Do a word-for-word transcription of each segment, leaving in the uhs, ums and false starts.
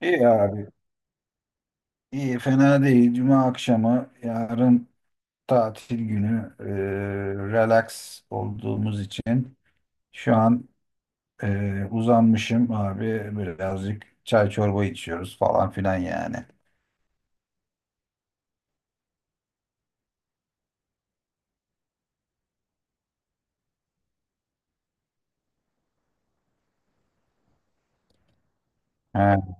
İyi abi. İyi, fena değil. Cuma akşamı, yarın tatil günü, e, relax olduğumuz için şu an e, uzanmışım abi. Birazcık çay çorba içiyoruz falan filan yani. He.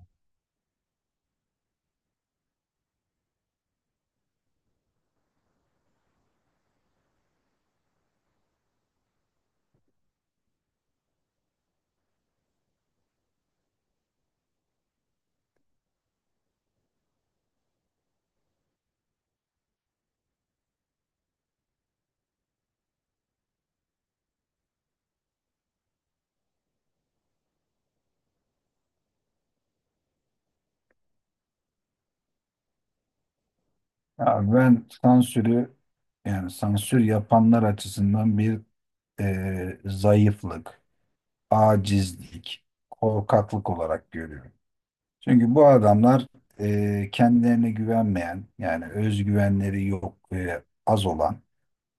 Abi ben sansürü, yani sansür yapanlar açısından bir e, zayıflık, acizlik, korkaklık olarak görüyorum. Çünkü bu adamlar e, kendilerine güvenmeyen yani özgüvenleri yok e, az olan,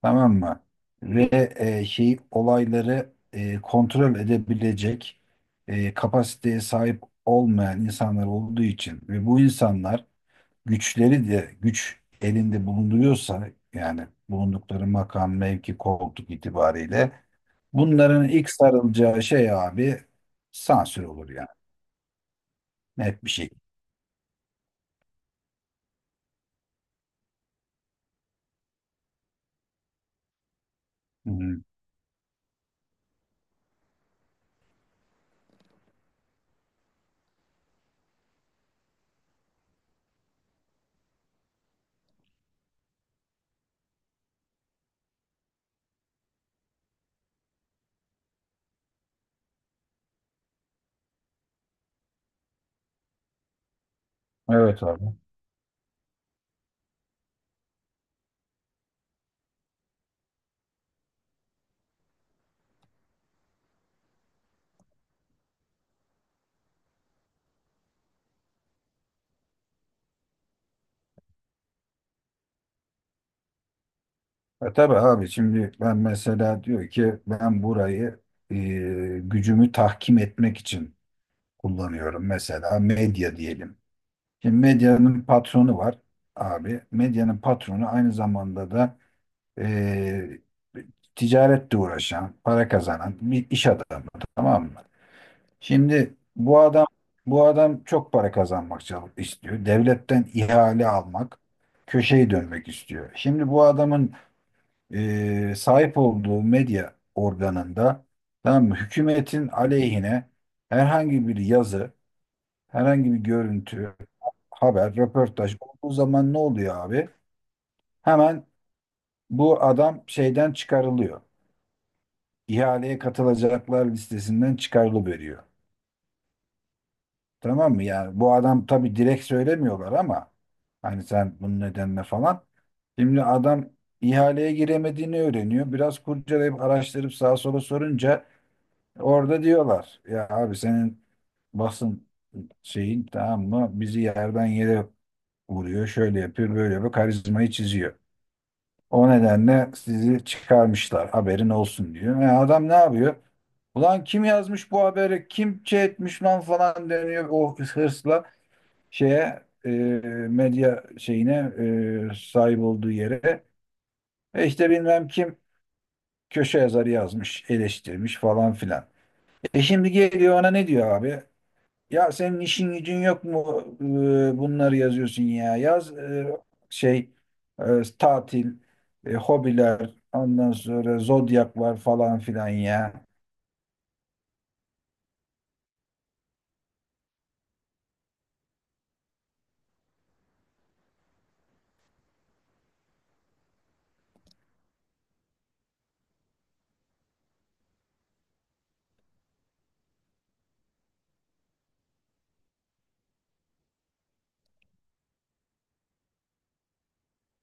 tamam mı? Ve e, şey olayları e, kontrol edebilecek e, kapasiteye sahip olmayan insanlar olduğu için ve bu insanlar güçleri de güç elinde bulunduruyorsa, yani bulundukları makam, mevki, koltuk itibariyle, bunların ilk sarılacağı şey abi sansür olur yani. Net bir şey. Hı. Hı. Evet abi. E tabii abi, şimdi ben mesela diyor ki ben burayı e, gücümü tahkim etmek için kullanıyorum. Mesela medya diyelim. Şimdi medyanın patronu var abi. Medyanın patronu aynı zamanda da e, ticaretle uğraşan, para kazanan bir iş adamı, tamam mı? Şimdi bu adam bu adam çok para kazanmak istiyor. Devletten ihale almak, köşeyi dönmek istiyor. Şimdi bu adamın e, sahip olduğu medya organında, tamam mı, hükümetin aleyhine herhangi bir yazı, herhangi bir görüntü, haber, röportaj olduğu zaman ne oluyor abi? Hemen bu adam şeyden çıkarılıyor. İhaleye katılacaklar listesinden çıkarılıveriyor. Tamam mı? Yani bu adam, tabii direkt söylemiyorlar ama hani sen bunun nedenine falan. Şimdi adam ihaleye giremediğini öğreniyor. Biraz kurcalayıp araştırıp sağa sola sorunca, orada diyorlar ya abi senin basın şeyin, tamam mı, bizi yerden yere vuruyor, şöyle yapıyor, böyle yapıyor, karizmayı çiziyor. O nedenle sizi çıkarmışlar haberin olsun diyor. E adam ne yapıyor? Ulan kim yazmış bu haberi, kim şey etmiş lan falan deniyor o hırsla şeye, e, medya şeyine, e, sahip olduğu yere. E işte bilmem kim köşe yazarı yazmış, eleştirmiş falan filan. E şimdi geliyor ona ne diyor abi? Ya senin işin gücün yok mu e, bunları yazıyorsun ya? Yaz e, şey e, tatil, e, hobiler, ondan sonra zodyak var falan filan ya.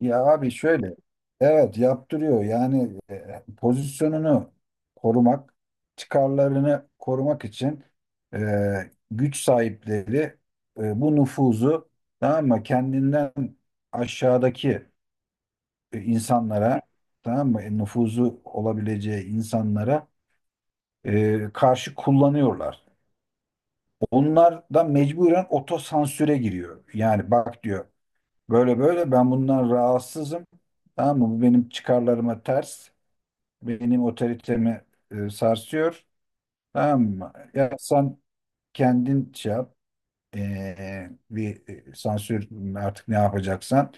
Ya abi şöyle, evet yaptırıyor. Yani e, pozisyonunu korumak, çıkarlarını korumak için e, güç sahipleri e, bu nüfuzu, tamam mı, kendinden aşağıdaki e, insanlara, tamam mı? E, nüfuzu olabileceği insanlara e, karşı kullanıyorlar. Onlar da mecburen otosansüre giriyor. Yani bak diyor, böyle böyle ben bundan rahatsızım. Tamam mı? Bu benim çıkarlarıma ters. Benim otoritemi e, sarsıyor. Tamam mı? Ya sen kendin şey yap. e, bir e, sansür, artık ne yapacaksan.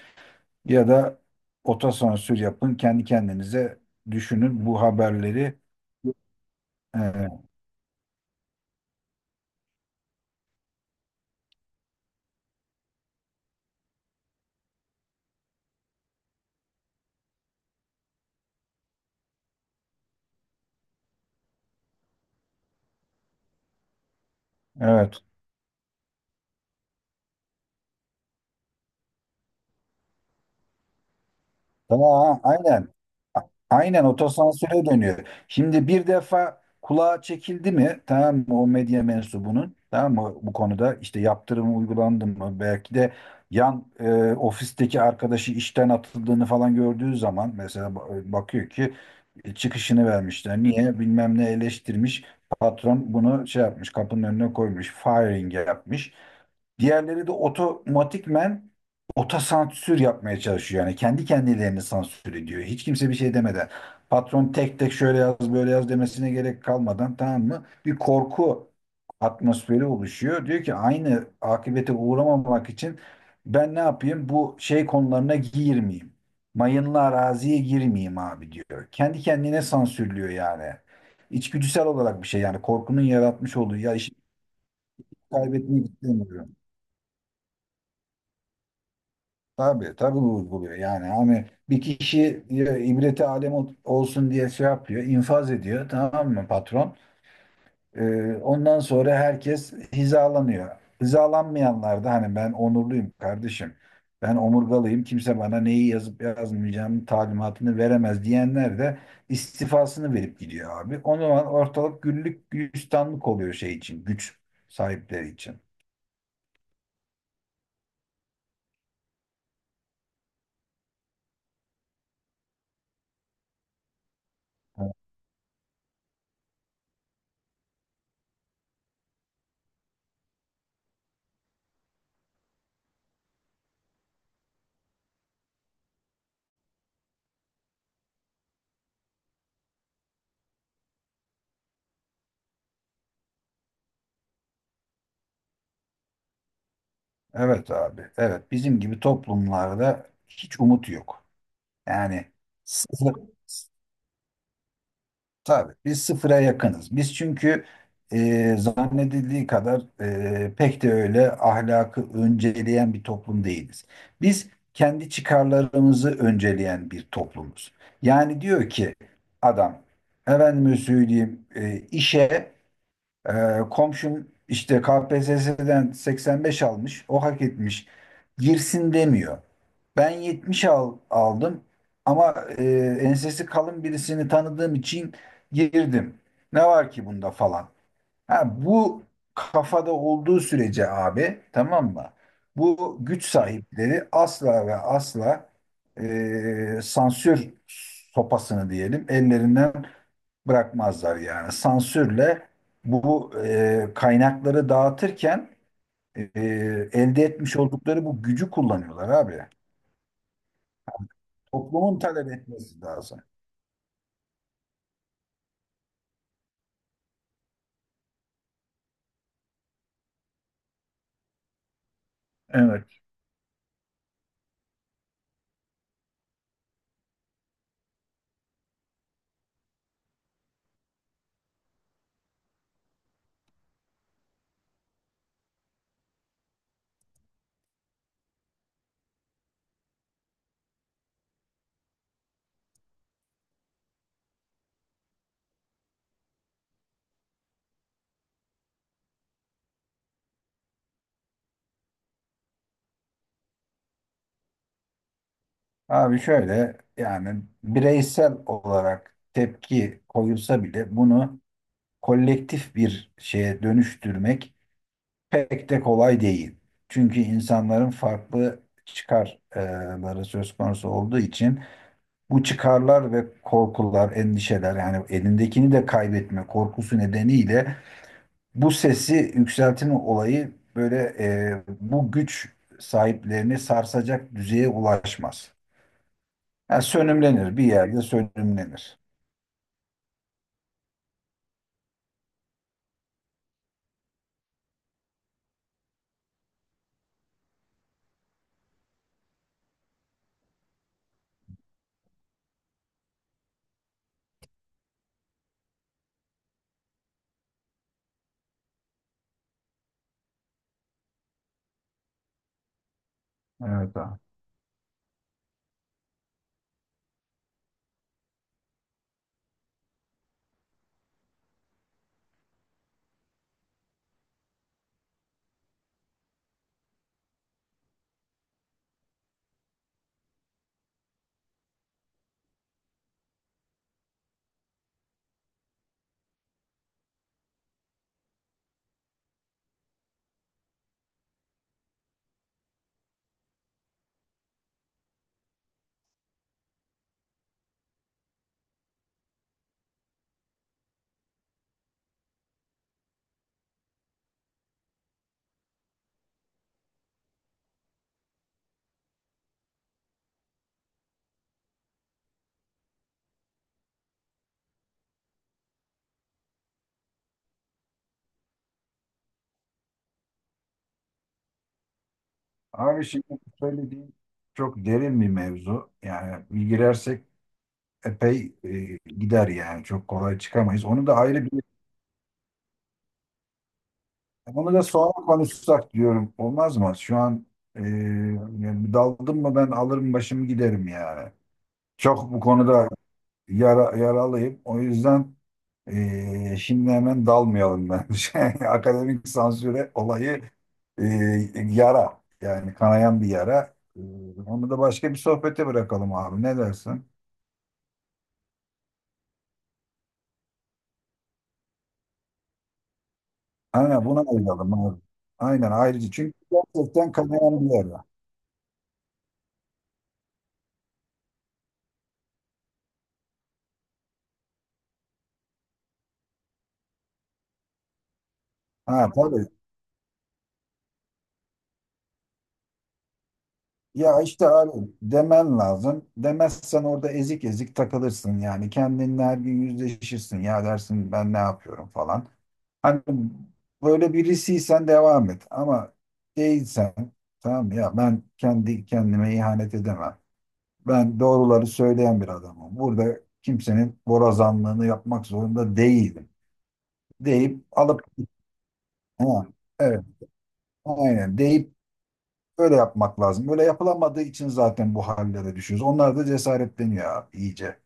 Ya da otosansür yapın, kendi kendinize düşünün bu haberleri. Ee, evet. Tamam. Ha, aynen. A- Aynen otosansüre dönüyor. Şimdi bir defa kulağa çekildi mi, tamam mı, o medya mensubunun, tamam mı, bu konuda işte yaptırım uygulandı mı, belki de yan e, ofisteki arkadaşı işten atıldığını falan gördüğü zaman mesela, ba- e, bakıyor ki e, çıkışını vermişler. Niye? Bilmem ne eleştirmiş. Patron bunu şey yapmış, kapının önüne koymuş. Firing yapmış. Diğerleri de otomatikmen otosansür yapmaya çalışıyor. Yani kendi kendilerini sansür ediyor. Hiç kimse bir şey demeden. Patron tek tek şöyle yaz böyle yaz demesine gerek kalmadan, tamam mı? Bir korku atmosferi oluşuyor. Diyor ki aynı akibete uğramamak için ben ne yapayım? Bu şey konularına girmeyeyim. Mayınlı araziye girmeyeyim abi diyor. Kendi kendine sansürlüyor yani. İçgüdüsel olarak bir şey, yani korkunun yaratmış olduğu, ya işi kaybetmek istemiyorum. Tabii tabii vurguluyor. Yani hani bir kişi ya, ibreti alem ol- olsun diye şey yapıyor, infaz ediyor, tamam mı, patron? Ee, ondan sonra herkes hizalanıyor. Hizalanmayanlar da hani ben onurluyum kardeşim. Ben omurgalıyım. Kimse bana neyi yazıp yazmayacağımın talimatını veremez diyenler de istifasını verip gidiyor abi. O zaman ortalık güllük gülistanlık oluyor şey için, güç sahipleri için. Evet abi. Evet bizim gibi toplumlarda hiç umut yok. Yani sıfır, tabii biz sıfıra yakınız. Biz çünkü e, zannedildiği kadar e, pek de öyle ahlakı önceleyen bir toplum değiliz. Biz kendi çıkarlarımızı önceleyen bir toplumuz. Yani diyor ki adam, efendime söyleyeyim e, işe ee, komşum işte K P S S'den seksen beş almış. O hak etmiş. Girsin demiyor. Ben yetmiş al, aldım ama e, ensesi kalın birisini tanıdığım için girdim. Ne var ki bunda falan. Ha, bu kafada olduğu sürece abi, tamam mı? Bu güç sahipleri asla ve asla e, sansür sopasını diyelim ellerinden bırakmazlar yani. Sansürle bu e, kaynakları dağıtırken e, elde etmiş oldukları bu gücü kullanıyorlar abi. Toplumun talep etmesi lazım. Evet. Abi şöyle, yani bireysel olarak tepki koyulsa bile bunu kolektif bir şeye dönüştürmek pek de kolay değil. Çünkü insanların farklı çıkarları söz konusu olduğu için, bu çıkarlar ve korkular, endişeler, yani elindekini de kaybetme korkusu nedeniyle bu sesi yükseltme olayı böyle e, bu güç sahiplerini sarsacak düzeye ulaşmaz. Yani sönümlenir, bir yerde sönümlenir. Evet abi. Abi şimdi bu söylediğin çok derin bir mevzu. Yani bir girersek epey e, gider yani. Çok kolay çıkamayız. Onu da ayrı bir, onu da sonra konuşsak diyorum. Olmaz mı? Şu an e, yani daldım mı ben alırım başımı giderim yani. Çok bu konuda yara, yaralıyım. O yüzden e, şimdi hemen dalmayalım bence. Akademik sansüre olayı e, yara. Yani kanayan bir yara. E, onu da başka bir sohbete bırakalım abi. Ne dersin? Aynen buna ayıralım abi. Aynen ayrıca. Çünkü gerçekten kanayan bir yara. Ha tabii. Ya işte abi demen lazım. Demezsen orada ezik ezik takılırsın yani. Kendinle her gün yüzleşirsin. Ya dersin ben ne yapıyorum falan. Hani böyle birisiysen devam et. Ama değilsen, tamam ya, ben kendi kendime ihanet edemem. Ben doğruları söyleyen bir adamım. Burada kimsenin borazanlığını yapmak zorunda değilim. Deyip alıp ha, evet aynen deyip öyle yapmak lazım. Öyle yapılamadığı için zaten bu hallere düşüyoruz. Onlar da cesaretleniyor abi iyice.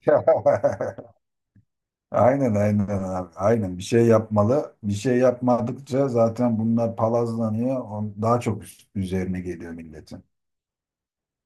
Aynen aynen abi. Aynen bir şey yapmalı. Bir şey yapmadıkça zaten bunlar palazlanıyor. On- Daha çok üst- üzerine geliyor milletin.